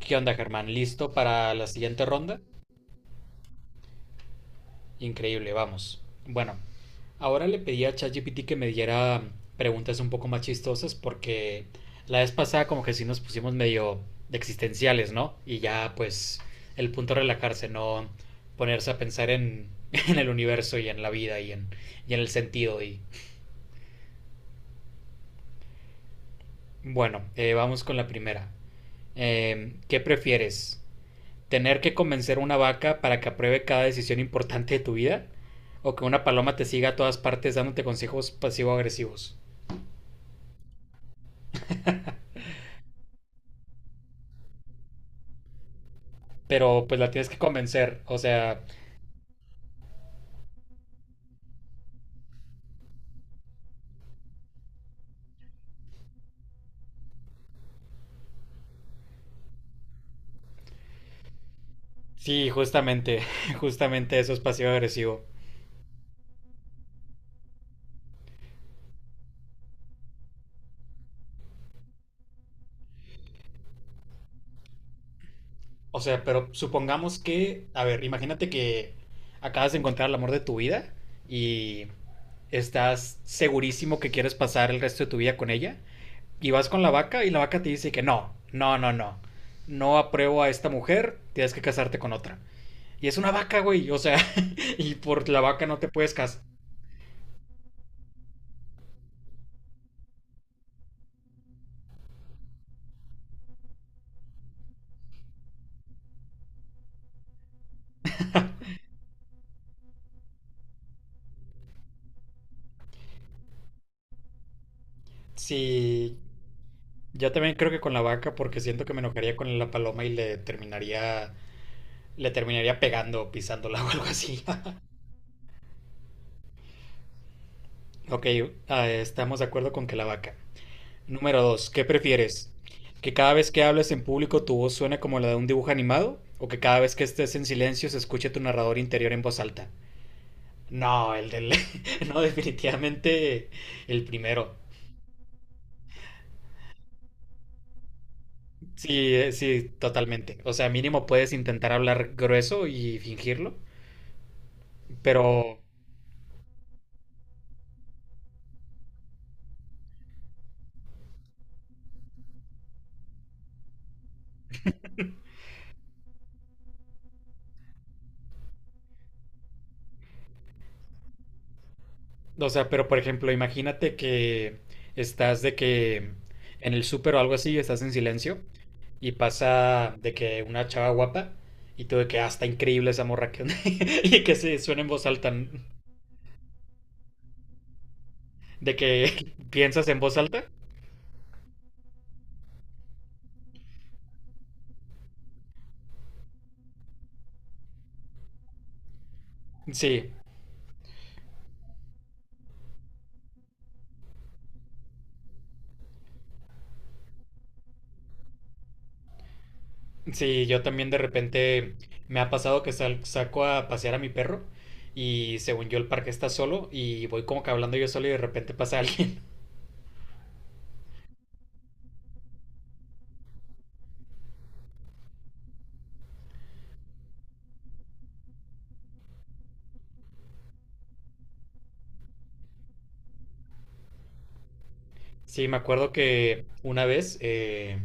¿Qué onda, Germán? ¿Listo para la siguiente ronda? Increíble, vamos. Bueno, ahora le pedí a ChatGPT que me diera preguntas un poco más chistosas porque la vez pasada como que sí nos pusimos medio de existenciales, ¿no? Y ya pues el punto es relajarse, no ponerse a pensar en el universo y en la vida y en el sentido. Y bueno, vamos con la primera. ¿Qué prefieres? ¿Tener que convencer a una vaca para que apruebe cada decisión importante de tu vida? ¿O que una paloma te siga a todas partes dándote consejos pasivo-agresivos? Pero pues la tienes que convencer, o sea, sí, justamente, justamente eso es pasivo-agresivo. O sea, pero supongamos que, a ver, imagínate que acabas de encontrar el amor de tu vida y estás segurísimo que quieres pasar el resto de tu vida con ella. Y vas con la vaca y la vaca te dice que no, no, no, no. No apruebo a esta mujer, tienes que casarte con otra. Y es una vaca, güey, o sea, y por la vaca no te puedes casar. Sí, yo también creo que con la vaca, porque siento que me enojaría con la paloma y le terminaría pegando, o pisándola o algo así. Ok, ah, estamos de acuerdo con que la vaca. Número dos, ¿qué prefieres? ¿Que cada vez que hables en público tu voz suene como la de un dibujo animado? ¿O que cada vez que estés en silencio se escuche tu narrador interior en voz alta? No, el del... No, definitivamente el primero. Sí, sí, totalmente. O sea, mínimo puedes intentar hablar grueso y fingirlo, pero, o sea, pero por ejemplo, imagínate que estás de que en el súper o algo así, estás en silencio y pasa de que una chava guapa y tú de que, ah, está increíble esa morra que... y que se suena en voz alta, ¿no? De que piensas en voz alta. Sí, sí, yo también de repente me ha pasado que saco a pasear a mi perro y según yo el parque está solo y voy como que hablando yo solo y de repente pasa alguien. Sí, me acuerdo que una vez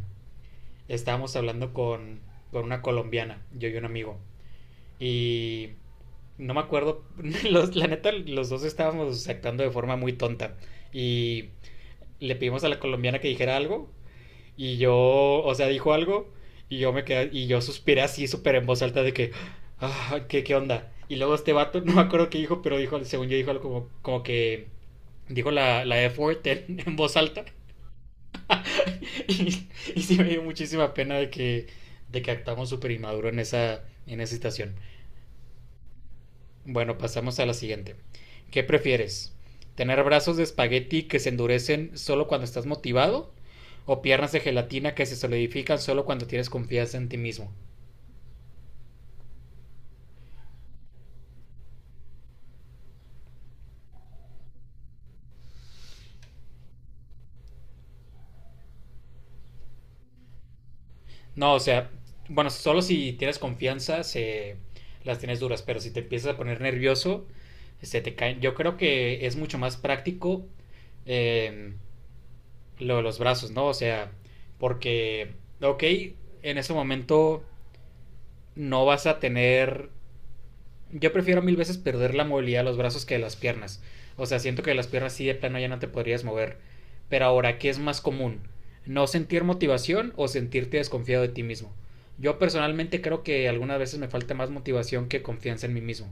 estábamos hablando con una colombiana, yo y un amigo, y no me acuerdo, los, la neta los dos estábamos actuando de forma muy tonta y le pedimos a la colombiana que dijera algo. Y yo, o sea, dijo algo y yo me quedé, y yo suspiré así súper en voz alta de que, "Ah, ¿qué onda?" Y luego este vato, no me acuerdo qué dijo, pero dijo, según yo dijo algo como, como que dijo la F-word en voz alta. Y, y sí me dio muchísima pena de que actuamos súper inmaduro en en esa situación. Bueno, pasamos a la siguiente. ¿Qué prefieres? ¿Tener brazos de espagueti que se endurecen solo cuando estás motivado? ¿O piernas de gelatina que se solidifican solo cuando tienes confianza en ti mismo? No, o sea, bueno, solo si tienes confianza se las tienes duras, pero si te empiezas a poner nervioso, se te caen. Yo creo que es mucho más práctico eh, lo de los brazos, ¿no? O sea, porque, ok, en ese momento no vas a tener... Yo prefiero mil veces perder la movilidad de los brazos que de las piernas. O sea, siento que de las piernas sí de plano ya no te podrías mover. Pero ahora, ¿qué es más común? ¿No sentir motivación o sentirte desconfiado de ti mismo? Yo personalmente creo que algunas veces me falta más motivación que confianza en mí mismo.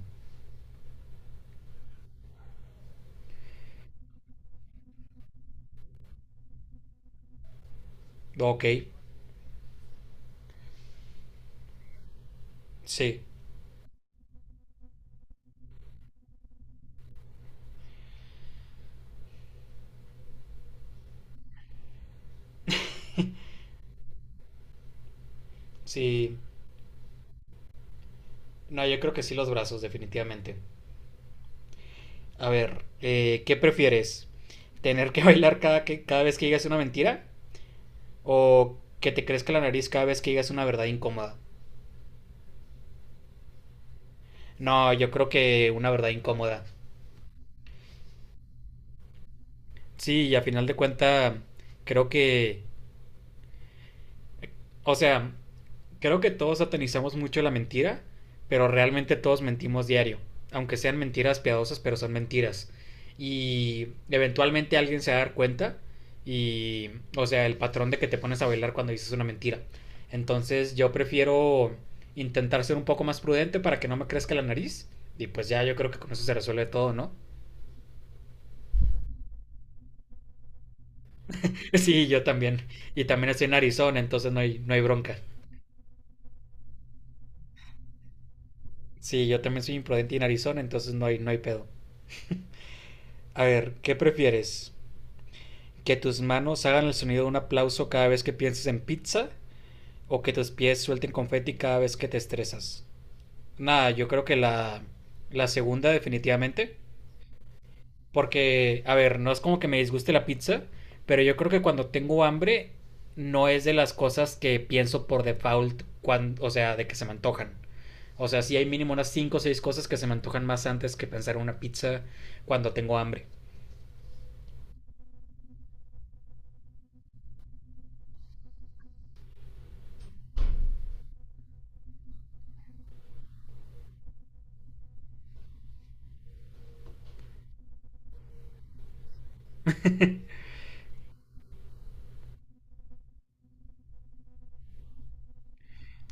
Ok, sí, sí. No, yo creo que sí los brazos, definitivamente. A ver, ¿qué prefieres? ¿Tener que bailar cada vez que digas una mentira? ¿O que te crezca la nariz cada vez que digas una verdad incómoda? No, yo creo que una verdad incómoda. Sí, y a final de cuenta, creo que, o sea, creo que todos satanizamos mucho la mentira, pero realmente todos mentimos diario, aunque sean mentiras piadosas, pero son mentiras. Y eventualmente alguien se va a dar cuenta y, o sea, el patrón de que te pones a bailar cuando dices una mentira. Entonces yo prefiero intentar ser un poco más prudente para que no me crezca la nariz y pues ya yo creo que con eso se resuelve todo, ¿no? Sí, yo también. Y también estoy en Arizona, entonces no hay, no hay bronca. Sí, yo también soy imprudente y en Arizona, entonces no hay, no hay pedo. A ver, ¿qué prefieres? ¿Que tus manos hagan el sonido de un aplauso cada vez que pienses en pizza? ¿O que tus pies suelten confeti cada vez que te estresas? Nada, yo creo que la segunda definitivamente. Porque, a ver, no es como que me disguste la pizza, pero yo creo que cuando tengo hambre no es de las cosas que pienso por default, cuando, o sea, de que se me antojan. O sea, sí hay mínimo unas 5 o 6 cosas que se me antojan más antes que pensar en una pizza cuando tengo hambre.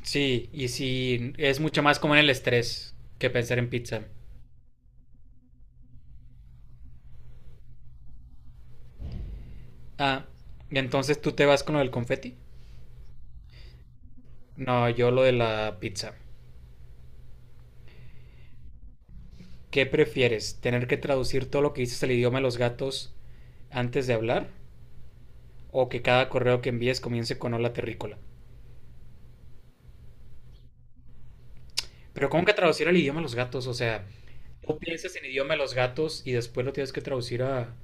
Sí, y sí, es mucho más como en el estrés que pensar en pizza. Ah, ¿y entonces tú te vas con lo del confeti? No, yo lo de la pizza. ¿Qué prefieres? ¿Tener que traducir todo lo que dices al idioma de los gatos antes de hablar? ¿O que cada correo que envíes comience con hola terrícola? Pero ¿cómo que traducir al idioma de los gatos? O sea, tú piensas en idioma de los gatos y después lo tienes que traducir a...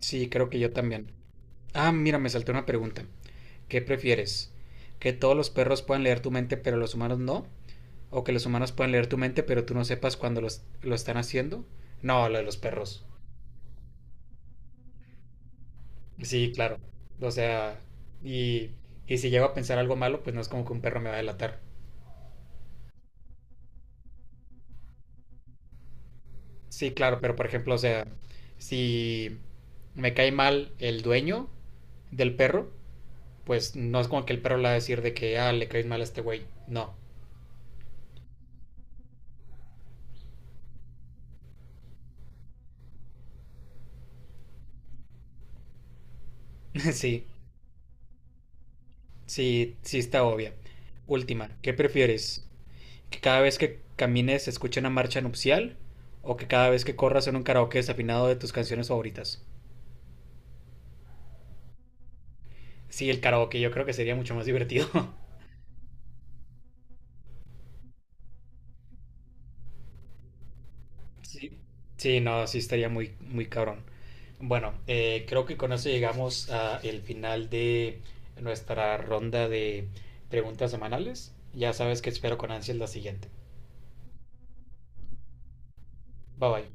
Sí, creo que yo también. Ah, mira, me salté una pregunta. ¿Qué prefieres? ¿Que todos los perros puedan leer tu mente pero los humanos no? ¿O que los humanos puedan leer tu mente pero tú no sepas cuando lo están haciendo? No, lo de los perros. Sí, claro. O sea, y, y si llego a pensar algo malo, pues no es como que un perro me va a delatar. Sí, claro, pero por ejemplo, o sea, si me cae mal el dueño del perro, pues no es como que el perro le va a decir de que, ah, le caes mal a este güey. No. Sí, sí, sí está obvia. Última, ¿qué prefieres? ¿Que cada vez que camines se escuche una marcha nupcial o que cada vez que corras en un karaoke desafinado de tus canciones favoritas? Sí, el karaoke yo creo que sería mucho más divertido. Sí, sí, no, sí estaría muy, muy cabrón. Bueno, creo que con eso llegamos al final de nuestra ronda de preguntas semanales. Ya sabes que espero con ansias la siguiente. Bye bye.